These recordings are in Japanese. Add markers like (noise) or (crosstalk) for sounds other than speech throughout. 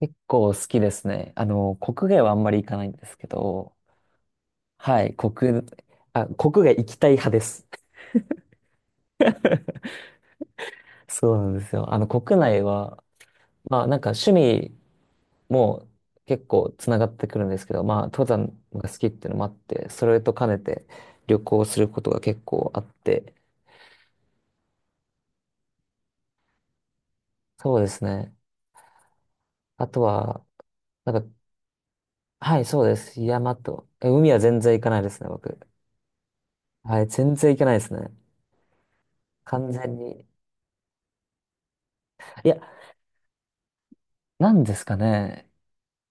結構好きですね。国外はあんまり行かないんですけど、はい、あ、国外行きたい派です。(laughs) そうなんですよ。国内は、まあなんか趣味も結構つながってくるんですけど、まあ登山が好きっていうのもあって、それと兼ねて旅行することが結構あって、そうですね。あとは、なんか、はい、そうです。山と、え、海は全然行かないですね、僕。はい、全然行けないですね。完全に。いや、なんですかね。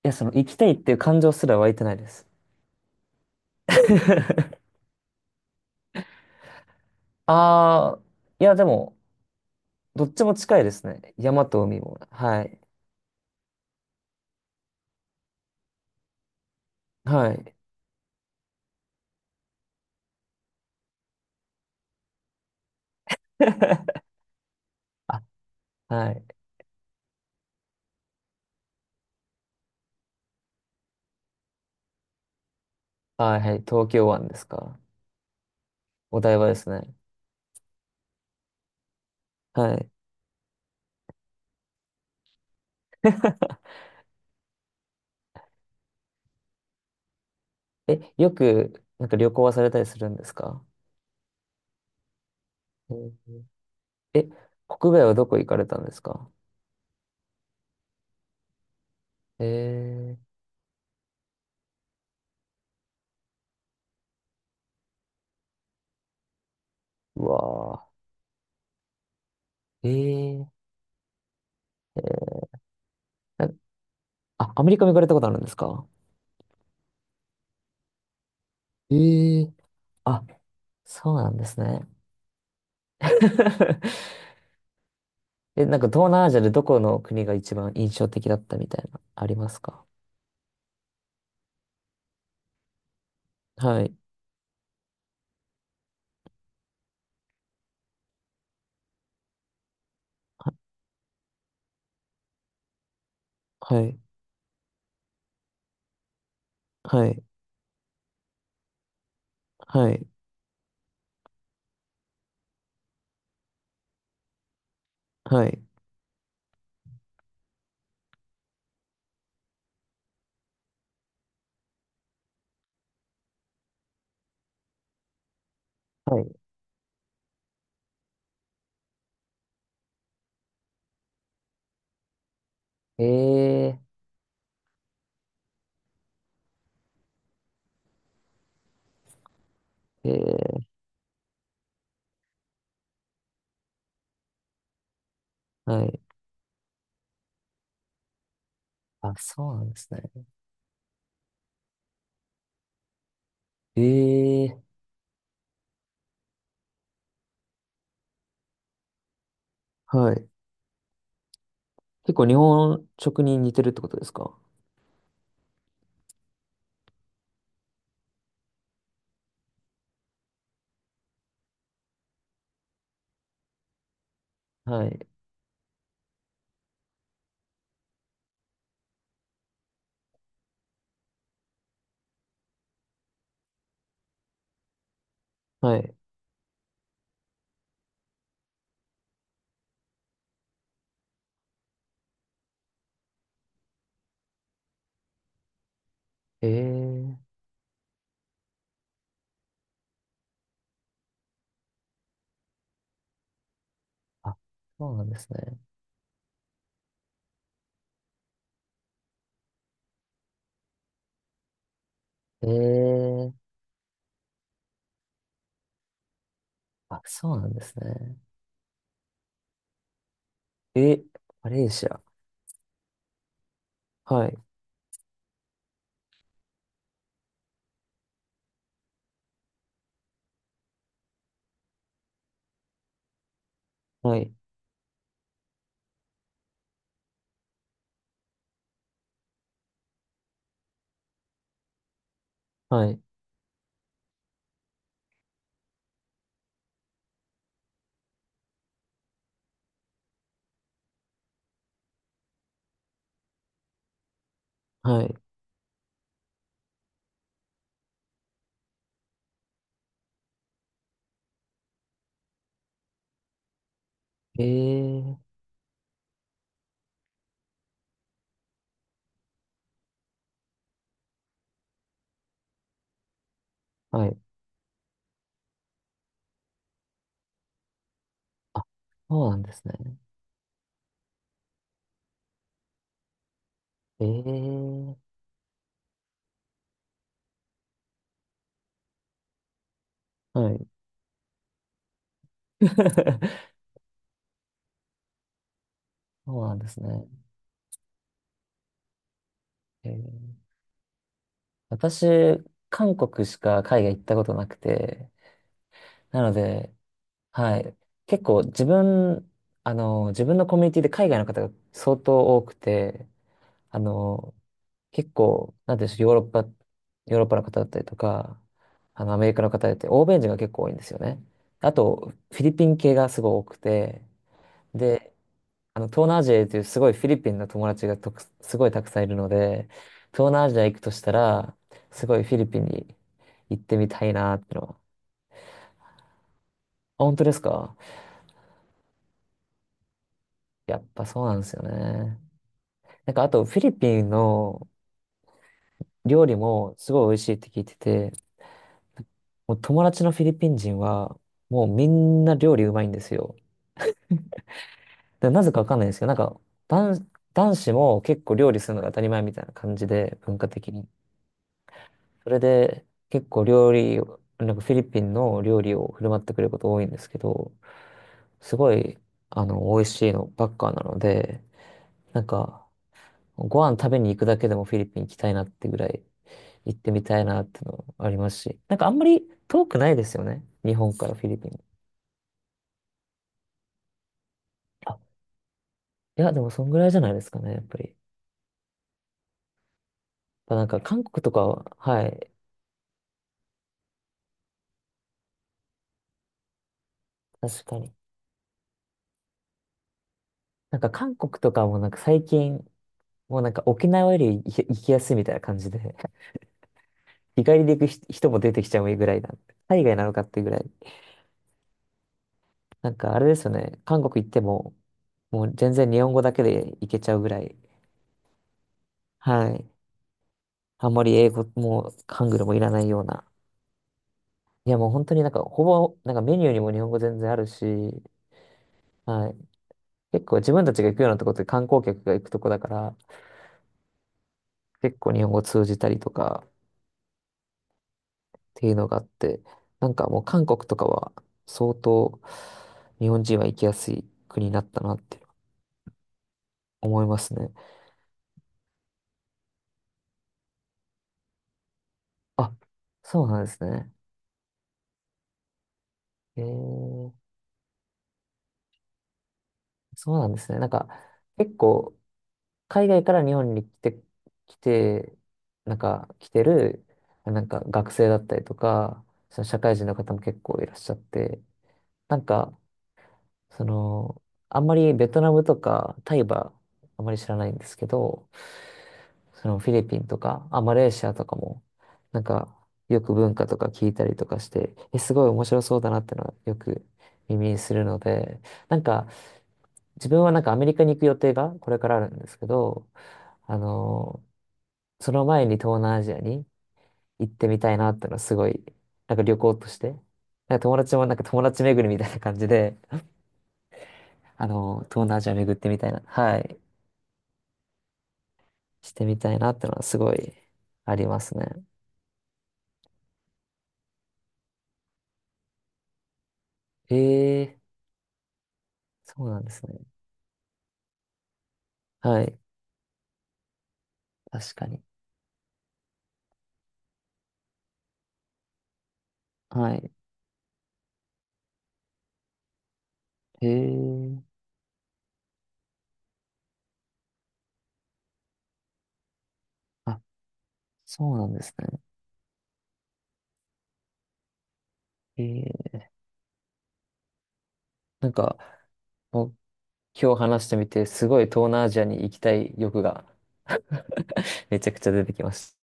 いや、その、行きたいっていう感情すら湧いてないです。(laughs) ああ、いや、でも、どっちも近いですね。山と海も。はい。はい。(laughs) あ、はい。はい、はい。東京湾ですか？お台場ですね。はい。(laughs) え、よく、なんか旅行はされたりするんですか？ええ、国外はどこ行かれたんですか？えー、うわー。えー、えー、な、あ、アメリカも行かれたことあるんですか？えー、あ、そうなんですね。(laughs) え、なんか東南アジアでどこの国が一番印象的だったみたいな、ありますか？はい。は、はい。はい。はい。はい。はい。えー、えー、はい。あ、そうなんですね。ええ、はい。結構日本食に似てるってことですか？はい。はい。ええ、あ、そうなんですね。ええ、あ、そうなんですね。え、マレーシア。はい。はい。はい。はい。ええ、はい。あ、そうなんですね。ええ、はい。(laughs) そうなんですね。ええ、私、韓国しか海外行ったことなくて、なので、はい。結構自分、自分のコミュニティで海外の方が相当多くて、あの、結構、なんていうんでしょう、ヨーロッパの方だったりとか、あの、アメリカの方だって、欧米人が結構多いんですよね。あと、フィリピン系がすごい多くて、で、あの、東南アジアというすごいフィリピンの友達がとくすごいたくさんいるので、東南アジア行くとしたら、すごいフィリピンに行ってみたいなってのは。あ、本当ですか？やっぱそうなんですよね。なんかあとフィリピンの料理もすごい美味しいって聞いてて、もう友達のフィリピン人はもうみんな料理うまいんですよ。で、なぜかわかんないんですけど、なんか男、男子も結構料理するのが当たり前みたいな感じで、文化的に。それで結構料理を、なんかフィリピンの料理を振る舞ってくれること多いんですけど、すごい、あの、美味しいのばっかなので、なんか、ご飯食べに行くだけでもフィリピン行きたいなってぐらい行ってみたいなってのありますし、なんかあんまり遠くないですよね。日本からフィリピン。あ、いや、でもそんぐらいじゃないですかね、やっぱり。まあなんか韓国とかは、はい、確かに。なんか韓国とかもなんか最近、もうなんか沖縄より行きやすいみたいな感じで。日帰りで行く人も出てきちゃうぐらいなんで。海外なのかっていうぐらい。なんかあれですよね。韓国行っても、もう全然日本語だけで行けちゃうぐらい。はい。あんまり英語もハングルもいらないような。いやもう本当になんかほぼ、なんかメニューにも日本語全然あるし、はい。結構自分たちが行くようなとこって観光客が行くとこだから、結構日本語通じたりとかっていうのがあって、なんかもう韓国とかは相当日本人は行きやすい国になったなって思いますね。あ、そうなんですね。ええ、そうなんですね。なんか、結構、海外から日本に来て、なんか、来てる、なんか、学生だったりとか、その社会人の方も結構いらっしゃって、なんか、その、あんまりベトナムとかタイはあんまり知らないんですけど、そのフィリピンとか、あ、マレーシアとかも、なんか、よく文化とか聞いたりとかして、え、すごい面白そうだなってのはよく耳にするので、なんか、自分はなんかアメリカに行く予定がこれからあるんですけど、あの、その前に東南アジアに行ってみたいなってのはすごい、なんか旅行として、なんか友達もなんか友達巡りみたいな感じで、あの、東南アジア巡ってみたいな、はい、してみたいなってのはすごいありますね。ええ、そうなんですね。はい。確かに。はい。へえ。あ、そうなんですね。へえ。なんか、僕今日話してみて、すごい東南アジアに行きたい欲が (laughs) めちゃくちゃ出てきました。